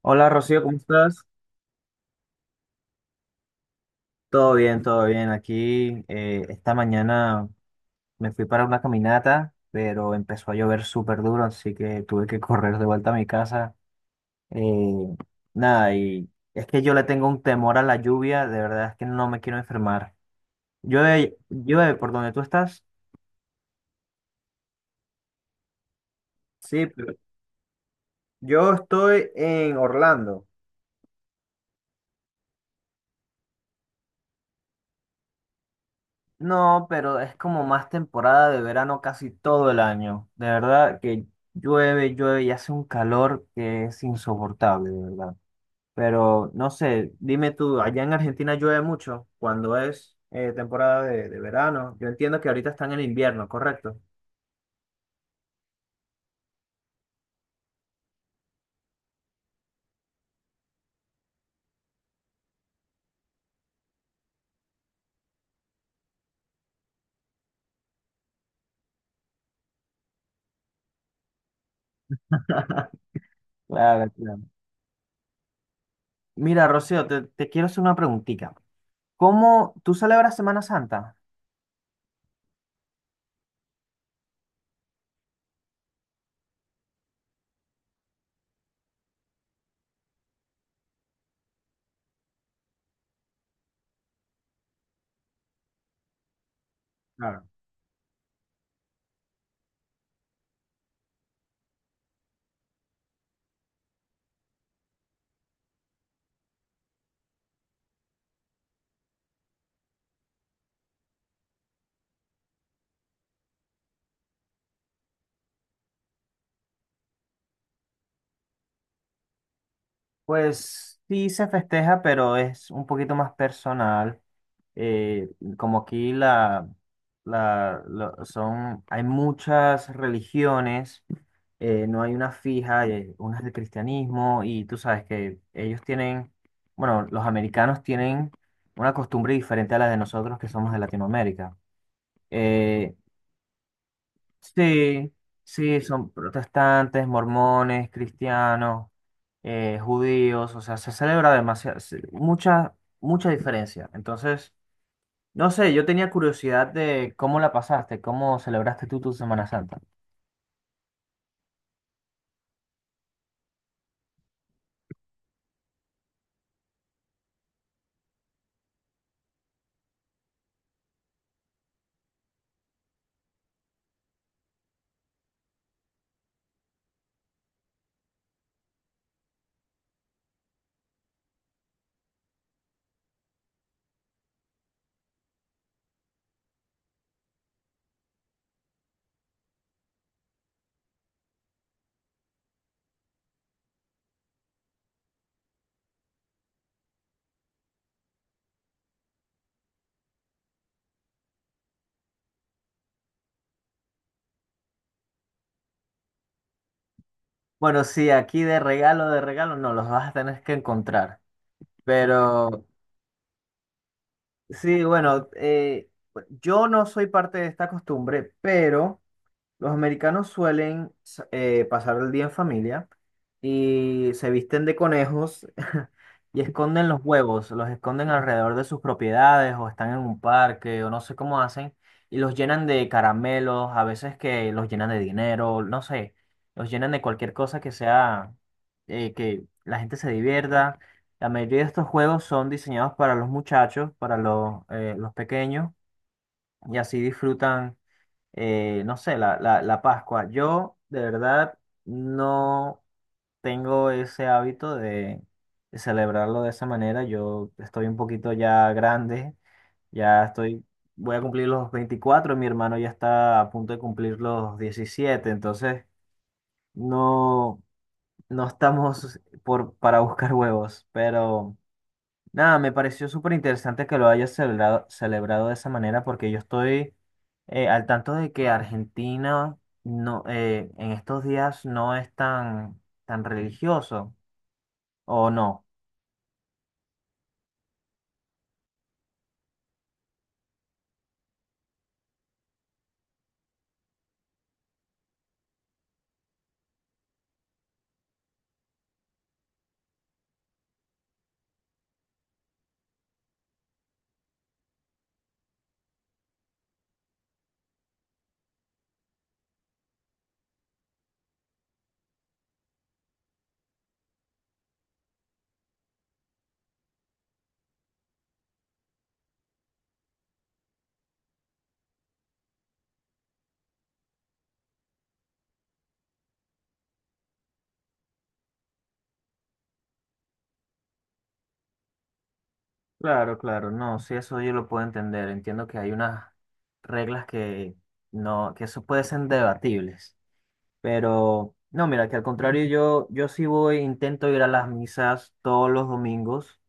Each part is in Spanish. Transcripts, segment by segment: Hola Rocío, ¿cómo estás? Todo bien, todo bien. Aquí esta mañana me fui para una caminata, pero empezó a llover súper duro, así que tuve que correr de vuelta a mi casa. Eh, Nada, y es que yo le tengo un temor a la lluvia, de verdad es que no me quiero enfermar. Llueve, llueve por donde tú estás. Sí, pero yo estoy en Orlando. No, pero es como más temporada de verano casi todo el año. De verdad que llueve, llueve y hace un calor que es insoportable, de verdad. Pero no sé, dime tú, allá en Argentina llueve mucho cuando es temporada de verano. Yo entiendo que ahorita están en invierno, ¿correcto? Claro, claro. Mira, Rocío, te quiero hacer una preguntita. ¿Cómo tú celebras Semana Santa? Pues sí se festeja, pero es un poquito más personal. Eh, como aquí la, la, lo- Son, hay muchas religiones, no hay una fija, una es del cristianismo y tú sabes que ellos tienen, bueno, los americanos tienen una costumbre diferente a la de nosotros que somos de Latinoamérica. Eh, Sí, sí, son protestantes, mormones, cristianos, judíos, o sea, se celebra demasiado, mucha diferencia. Entonces, no sé, yo tenía curiosidad de cómo la pasaste, cómo celebraste tú tu Semana Santa. Bueno, sí, aquí de regalo, no, los vas a tener que encontrar. Pero, sí, bueno, yo no soy parte de esta costumbre, pero... Los americanos suelen pasar el día en familia y se visten de conejos y esconden los huevos, los esconden alrededor de sus propiedades o están en un parque o no sé cómo hacen y los llenan de caramelos, a veces que los llenan de dinero, no sé, los llenan de cualquier cosa que sea que la gente se divierta. La mayoría de estos juegos son diseñados para los muchachos, para los pequeños y así disfrutan no sé, la Pascua. Yo de verdad no tengo ese hábito de celebrarlo de esa manera. Yo estoy un poquito ya grande, ya estoy, voy a cumplir los 24, mi hermano ya está a punto de cumplir los 17, entonces no, no estamos por, para buscar huevos, pero... Nada, me pareció súper interesante que lo hayas celebrado, celebrado de esa manera porque yo estoy al tanto de que Argentina no, en estos días no es tan, tan religioso, ¿o no? Claro, claro, no, sí, eso yo lo puedo entender. Entiendo que hay unas reglas que no, que eso puede ser debatibles. Pero no, mira, que al contrario, yo sí voy, intento ir a las misas todos los domingos.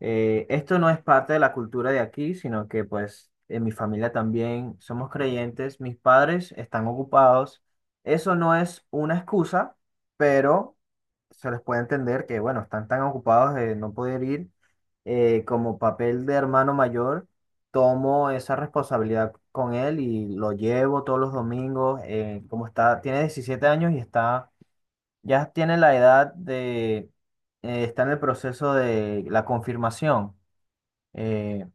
Esto no es parte de la cultura de aquí, sino que pues en mi familia también somos creyentes, mis padres están ocupados. Eso no es una excusa, pero se les puede entender que, bueno, están tan ocupados de no poder ir. Como papel de hermano mayor, tomo esa responsabilidad con él y lo llevo todos los domingos. Como está, tiene 17 años y está, ya tiene la edad de, está en el proceso de la confirmación. Eh,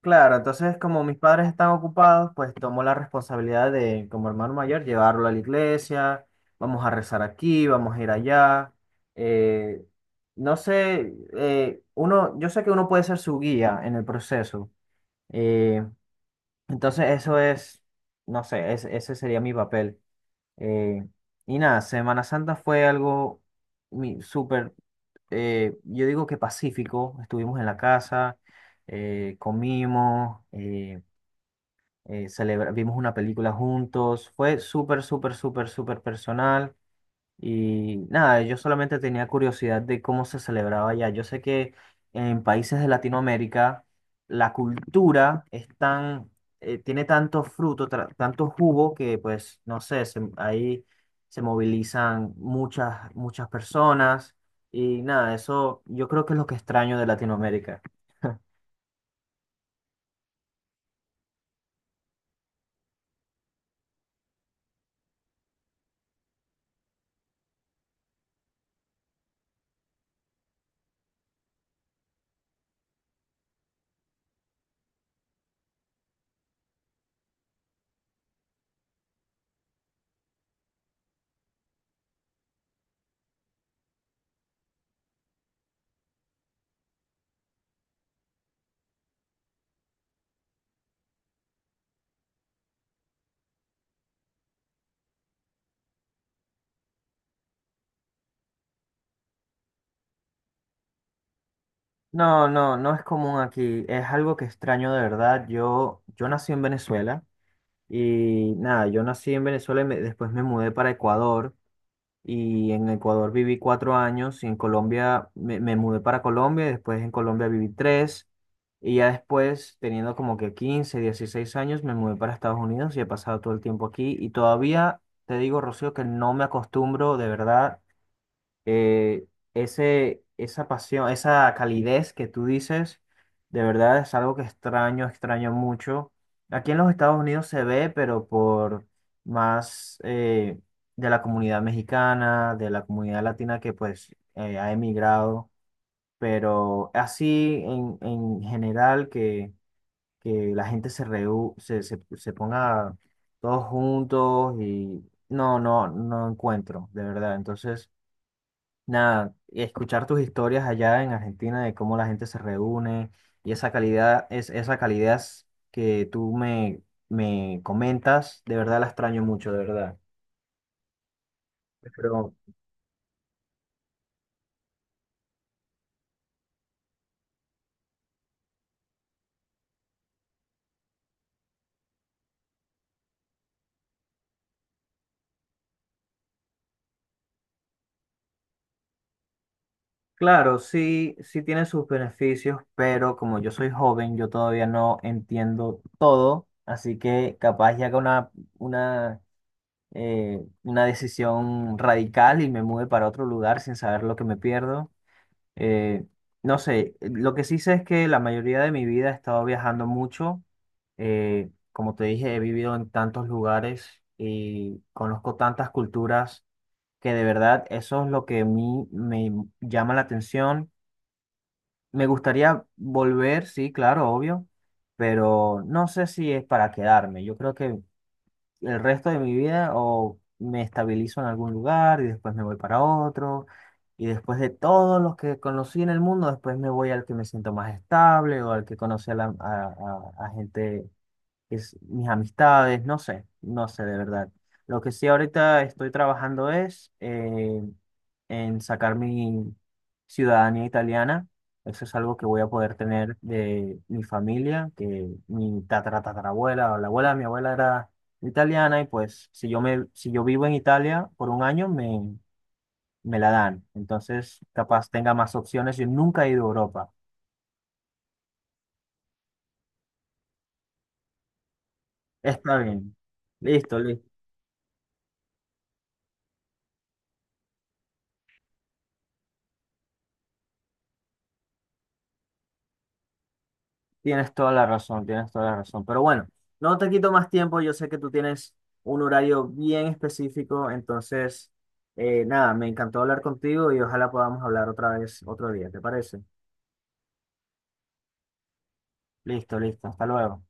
claro, entonces como mis padres están ocupados, pues tomo la responsabilidad de, como hermano mayor, llevarlo a la iglesia, vamos a rezar aquí, vamos a ir allá. Eh, no sé, uno, yo sé que uno puede ser su guía en el proceso. eh, entonces eso es, no sé, ese sería mi papel. Eh, y nada, Semana Santa fue algo súper, yo digo que pacífico. Estuvimos en la casa, comimos, vimos una película juntos. Fue súper personal. Y nada, yo solamente tenía curiosidad de cómo se celebraba allá. Yo sé que en países de Latinoamérica la cultura es tan, tiene tanto fruto, tanto jugo que pues, no sé, ahí se movilizan muchas, muchas personas. Y nada, eso yo creo que es lo que extraño de Latinoamérica. No, no, no es común aquí. Es algo que extraño de verdad. Yo nací en Venezuela. Y nada, yo nací en Venezuela después me mudé para Ecuador. Y en Ecuador viví 4 años y en Colombia me mudé para Colombia y después en Colombia viví 3 y ya después teniendo como que 15, 16 años me mudé para Estados Unidos y he pasado todo el tiempo aquí y todavía te digo, Rocío, que no me acostumbro de verdad eh, esa pasión, esa calidez que tú dices, de verdad es algo que extraño, extraño mucho. Aquí en los Estados Unidos se ve, pero por más de la comunidad mexicana, de la comunidad latina que pues ha emigrado, pero así en general que la gente se, reú- se ponga todos juntos y no, no, no encuentro, de verdad. Entonces... Nada, escuchar tus historias allá en Argentina de cómo la gente se reúne y esa calidad, es, esa calidez que tú me comentas, de verdad la extraño mucho, de verdad. Pero claro, sí, sí tiene sus beneficios, pero como yo soy joven, yo todavía no entiendo todo, así que capaz ya haga una, una decisión radical y me mude para otro lugar sin saber lo que me pierdo. Eh, no sé, lo que sí sé es que la mayoría de mi vida he estado viajando mucho. Como te dije, he vivido en tantos lugares y conozco tantas culturas que de verdad eso es lo que a mí me llama la atención. Me gustaría volver, sí, claro, obvio, pero no sé si es para quedarme. Yo creo que el resto de mi vida o me estabilizo en algún lugar y después me voy para otro y después de todos los que conocí en el mundo, después me voy al que me siento más estable o al que conoce a, la- a gente es mis amistades, no sé, no sé de verdad. Lo que sí ahorita estoy trabajando es en sacar mi ciudadanía italiana. Eso es algo que voy a poder tener de mi familia, que mi tatara tatarabuela o la abuela de mi abuela era italiana y pues si yo vivo en Italia por 1 año me la dan. Entonces, capaz tenga más opciones. Yo nunca he ido a Europa. Está bien. Listo, listo. Tienes toda la razón, tienes toda la razón. Pero bueno, no te quito más tiempo. Yo sé que tú tienes un horario bien específico. Entonces, nada, me encantó hablar contigo y ojalá podamos hablar otra vez otro día. ¿Te parece? Listo, listo. Hasta luego.